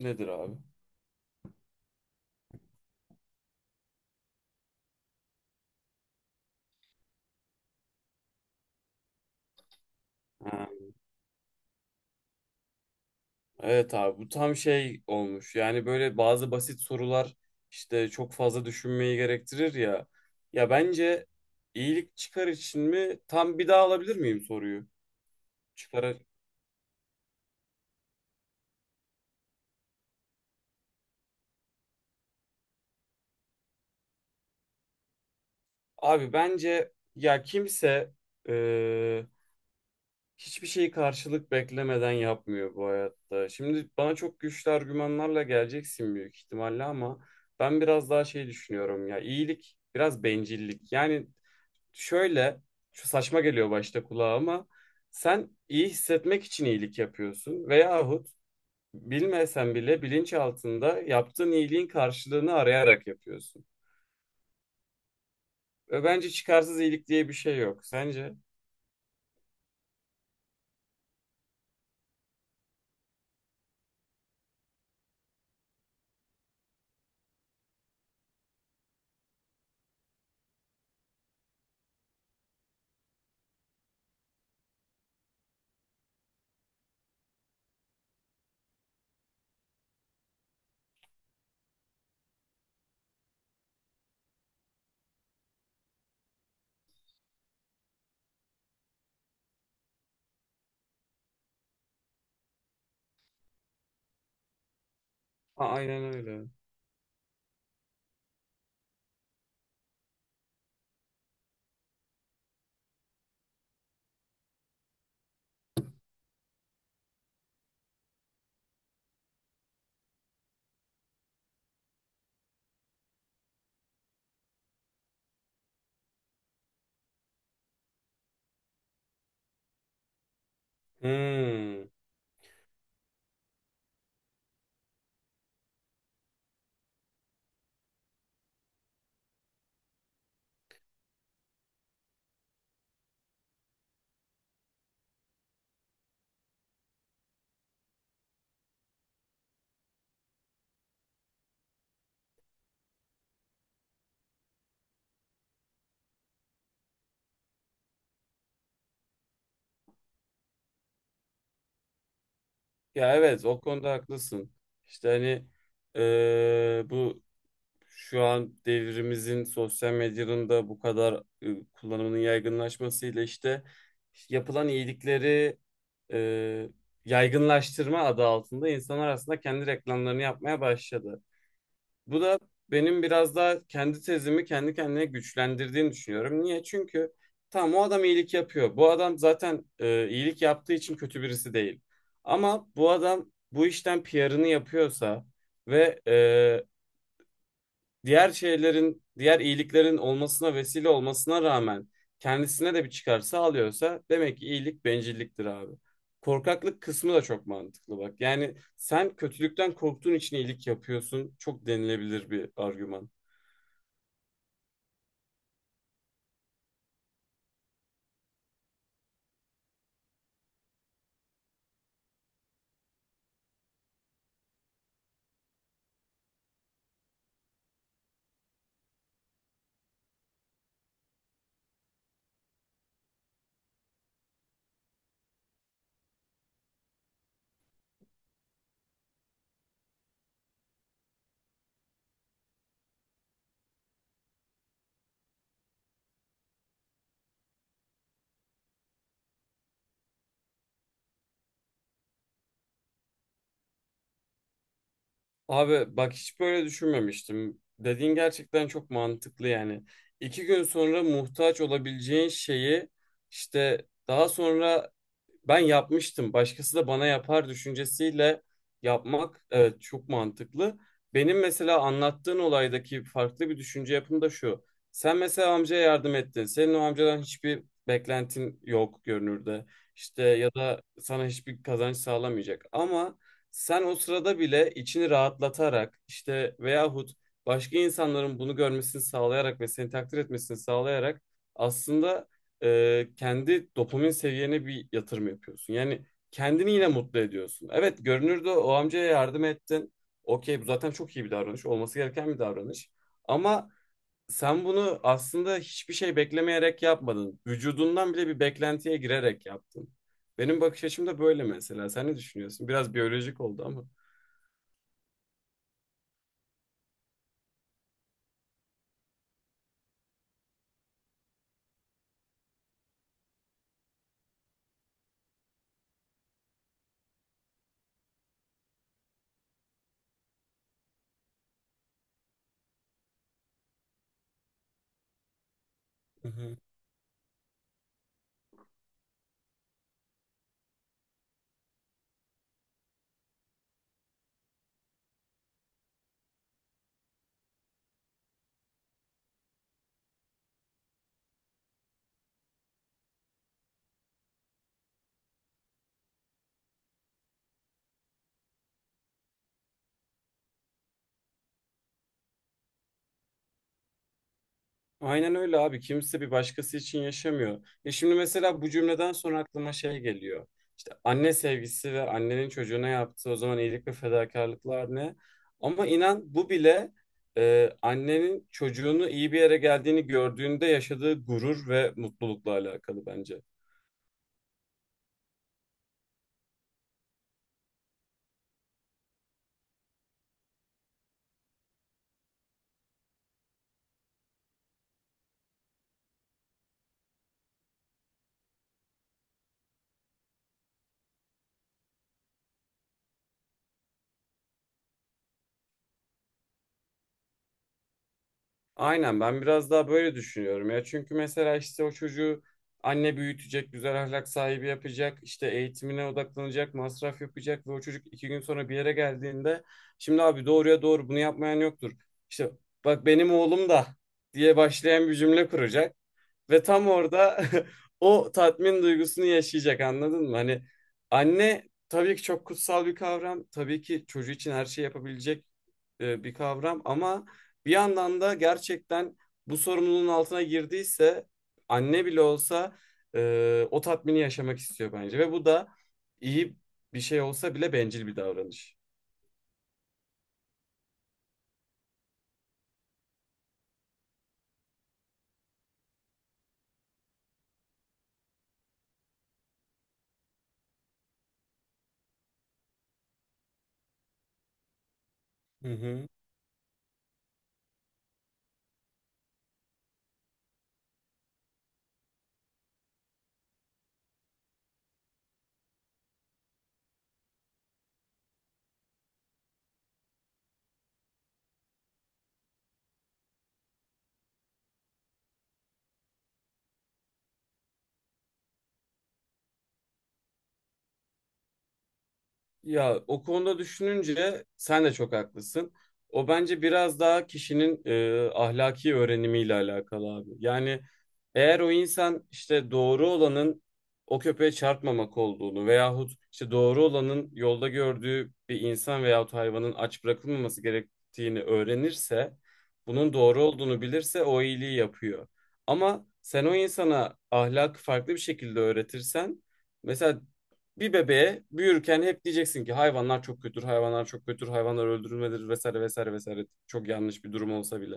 Nedir abi? Ha, Evet abi bu tam şey olmuş. Yani böyle bazı basit sorular işte çok fazla düşünmeyi gerektirir ya. Ya bence iyilik çıkar için mi? Tam bir daha alabilir miyim soruyu? Çıkar. Abi bence ya kimse e, hiçbir şeyi karşılık beklemeden yapmıyor bu hayatta. Şimdi bana çok güçlü argümanlarla geleceksin büyük ihtimalle ama ben biraz daha şey düşünüyorum ya. İyilik biraz bencillik. Yani, şöyle, şu saçma geliyor başta kulağa ama sen iyi hissetmek için iyilik yapıyorsun veyahut bilmesen bile bilinçaltında yaptığın iyiliğin karşılığını arayarak yapıyorsun. Ve bence çıkarsız iyilik diye bir şey yok. Sence? Aynen öyle. Hmm. Ya evet, o konuda haklısın. İşte hani bu şu an devrimizin sosyal medyanın da bu kadar kullanımının yaygınlaşmasıyla işte yapılan iyilikleri e, yaygınlaştırma adı altında insanlar aslında kendi reklamlarını yapmaya başladı. Bu da benim biraz daha kendi tezimi kendi kendine güçlendirdiğini düşünüyorum. Niye? Çünkü tam o adam iyilik yapıyor. Bu adam zaten iyilik yaptığı için kötü birisi değil. Ama bu adam bu işten PR'ını yapıyorsa ve diğer şeylerin, diğer iyiliklerin olmasına vesile olmasına rağmen kendisine de bir çıkar sağlıyorsa demek ki iyilik bencilliktir abi. Korkaklık kısmı da çok mantıklı bak. Yani sen kötülükten korktuğun için iyilik yapıyorsun. Çok denilebilir bir argüman. Abi bak hiç böyle düşünmemiştim. Dediğin gerçekten çok mantıklı yani. İki gün sonra muhtaç olabileceğin şeyi işte daha sonra ben yapmıştım. Başkası da bana yapar düşüncesiyle yapmak evet çok mantıklı. Benim mesela anlattığın olaydaki farklı bir düşünce yapım da şu. Sen mesela amcaya yardım ettin. Senin o amcadan hiçbir beklentin yok görünürde. İşte ya da sana hiçbir kazanç sağlamayacak. Ama sen o sırada bile içini rahatlatarak işte veyahut başka insanların bunu görmesini sağlayarak ve seni takdir etmesini sağlayarak aslında kendi dopamin seviyene bir yatırım yapıyorsun. Yani kendini yine mutlu ediyorsun. Evet görünürde o amcaya yardım ettin. Okey bu zaten çok iyi bir davranış. Olması gereken bir davranış. Ama sen bunu aslında hiçbir şey beklemeyerek yapmadın. Vücudundan bile bir beklentiye girerek yaptın. Benim bakış açım da böyle mesela. Sen ne düşünüyorsun? Biraz biyolojik oldu ama. Hı hı. Aynen öyle abi. Kimse bir başkası için yaşamıyor. Ya şimdi mesela bu cümleden sonra aklıma şey geliyor. İşte anne sevgisi ve annenin çocuğuna yaptığı o zaman iyilik ve fedakarlıklar ne? Ama inan bu bile annenin çocuğunu iyi bir yere geldiğini gördüğünde yaşadığı gurur ve mutlulukla alakalı bence. Aynen ben biraz daha böyle düşünüyorum ya. Çünkü mesela işte o çocuğu anne büyütecek, güzel ahlak sahibi yapacak, işte eğitimine odaklanacak, masraf yapacak ve o çocuk iki gün sonra bir yere geldiğinde şimdi abi doğruya doğru bunu yapmayan yoktur. İşte bak benim oğlum da diye başlayan bir cümle kuracak ve tam orada o tatmin duygusunu yaşayacak anladın mı? Hani anne tabii ki çok kutsal bir kavram, tabii ki çocuğu için her şeyi yapabilecek bir kavram ama bir yandan da gerçekten bu sorumluluğun altına girdiyse anne bile olsa o tatmini yaşamak istiyor bence. Ve bu da iyi bir şey olsa bile bencil bir davranış. Hı hı. Ya o konuda düşününce sen de çok haklısın. O bence biraz daha kişinin ahlaki öğrenimiyle alakalı abi. Yani eğer o insan işte doğru olanın o köpeğe çarpmamak olduğunu veyahut işte doğru olanın yolda gördüğü bir insan veyahut hayvanın aç bırakılmaması gerektiğini öğrenirse, bunun doğru olduğunu bilirse o iyiliği yapıyor. Ama sen o insana ahlakı farklı bir şekilde öğretirsen mesela bir bebeğe büyürken hep diyeceksin ki hayvanlar çok kötüdür, hayvanlar çok kötüdür, hayvanlar öldürülmedir vesaire vesaire vesaire. Çok yanlış bir durum olsa bile.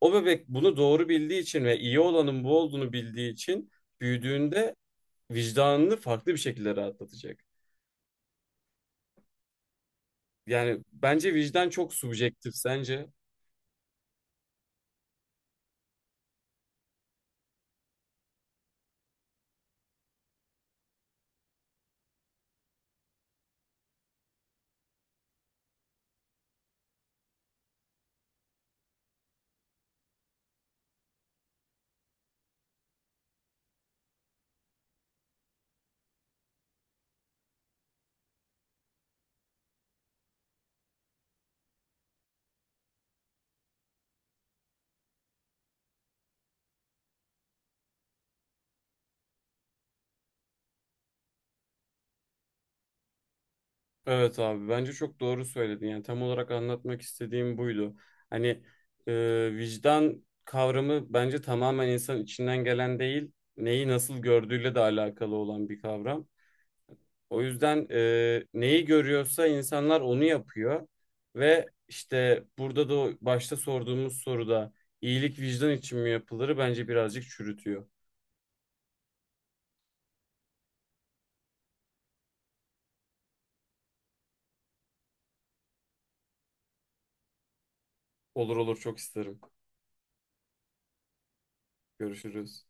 O bebek bunu doğru bildiği için ve iyi olanın bu olduğunu bildiği için büyüdüğünde vicdanını farklı bir şekilde rahatlatacak. Yani bence vicdan çok subjektif sence. Evet abi bence çok doğru söyledin. Yani tam olarak anlatmak istediğim buydu. Hani vicdan kavramı bence tamamen insan içinden gelen değil, neyi nasıl gördüğüyle de alakalı olan bir kavram. O yüzden neyi görüyorsa insanlar onu yapıyor ve işte burada da o başta sorduğumuz soruda iyilik vicdan için mi yapılır bence birazcık çürütüyor. Olur olur çok isterim. Görüşürüz.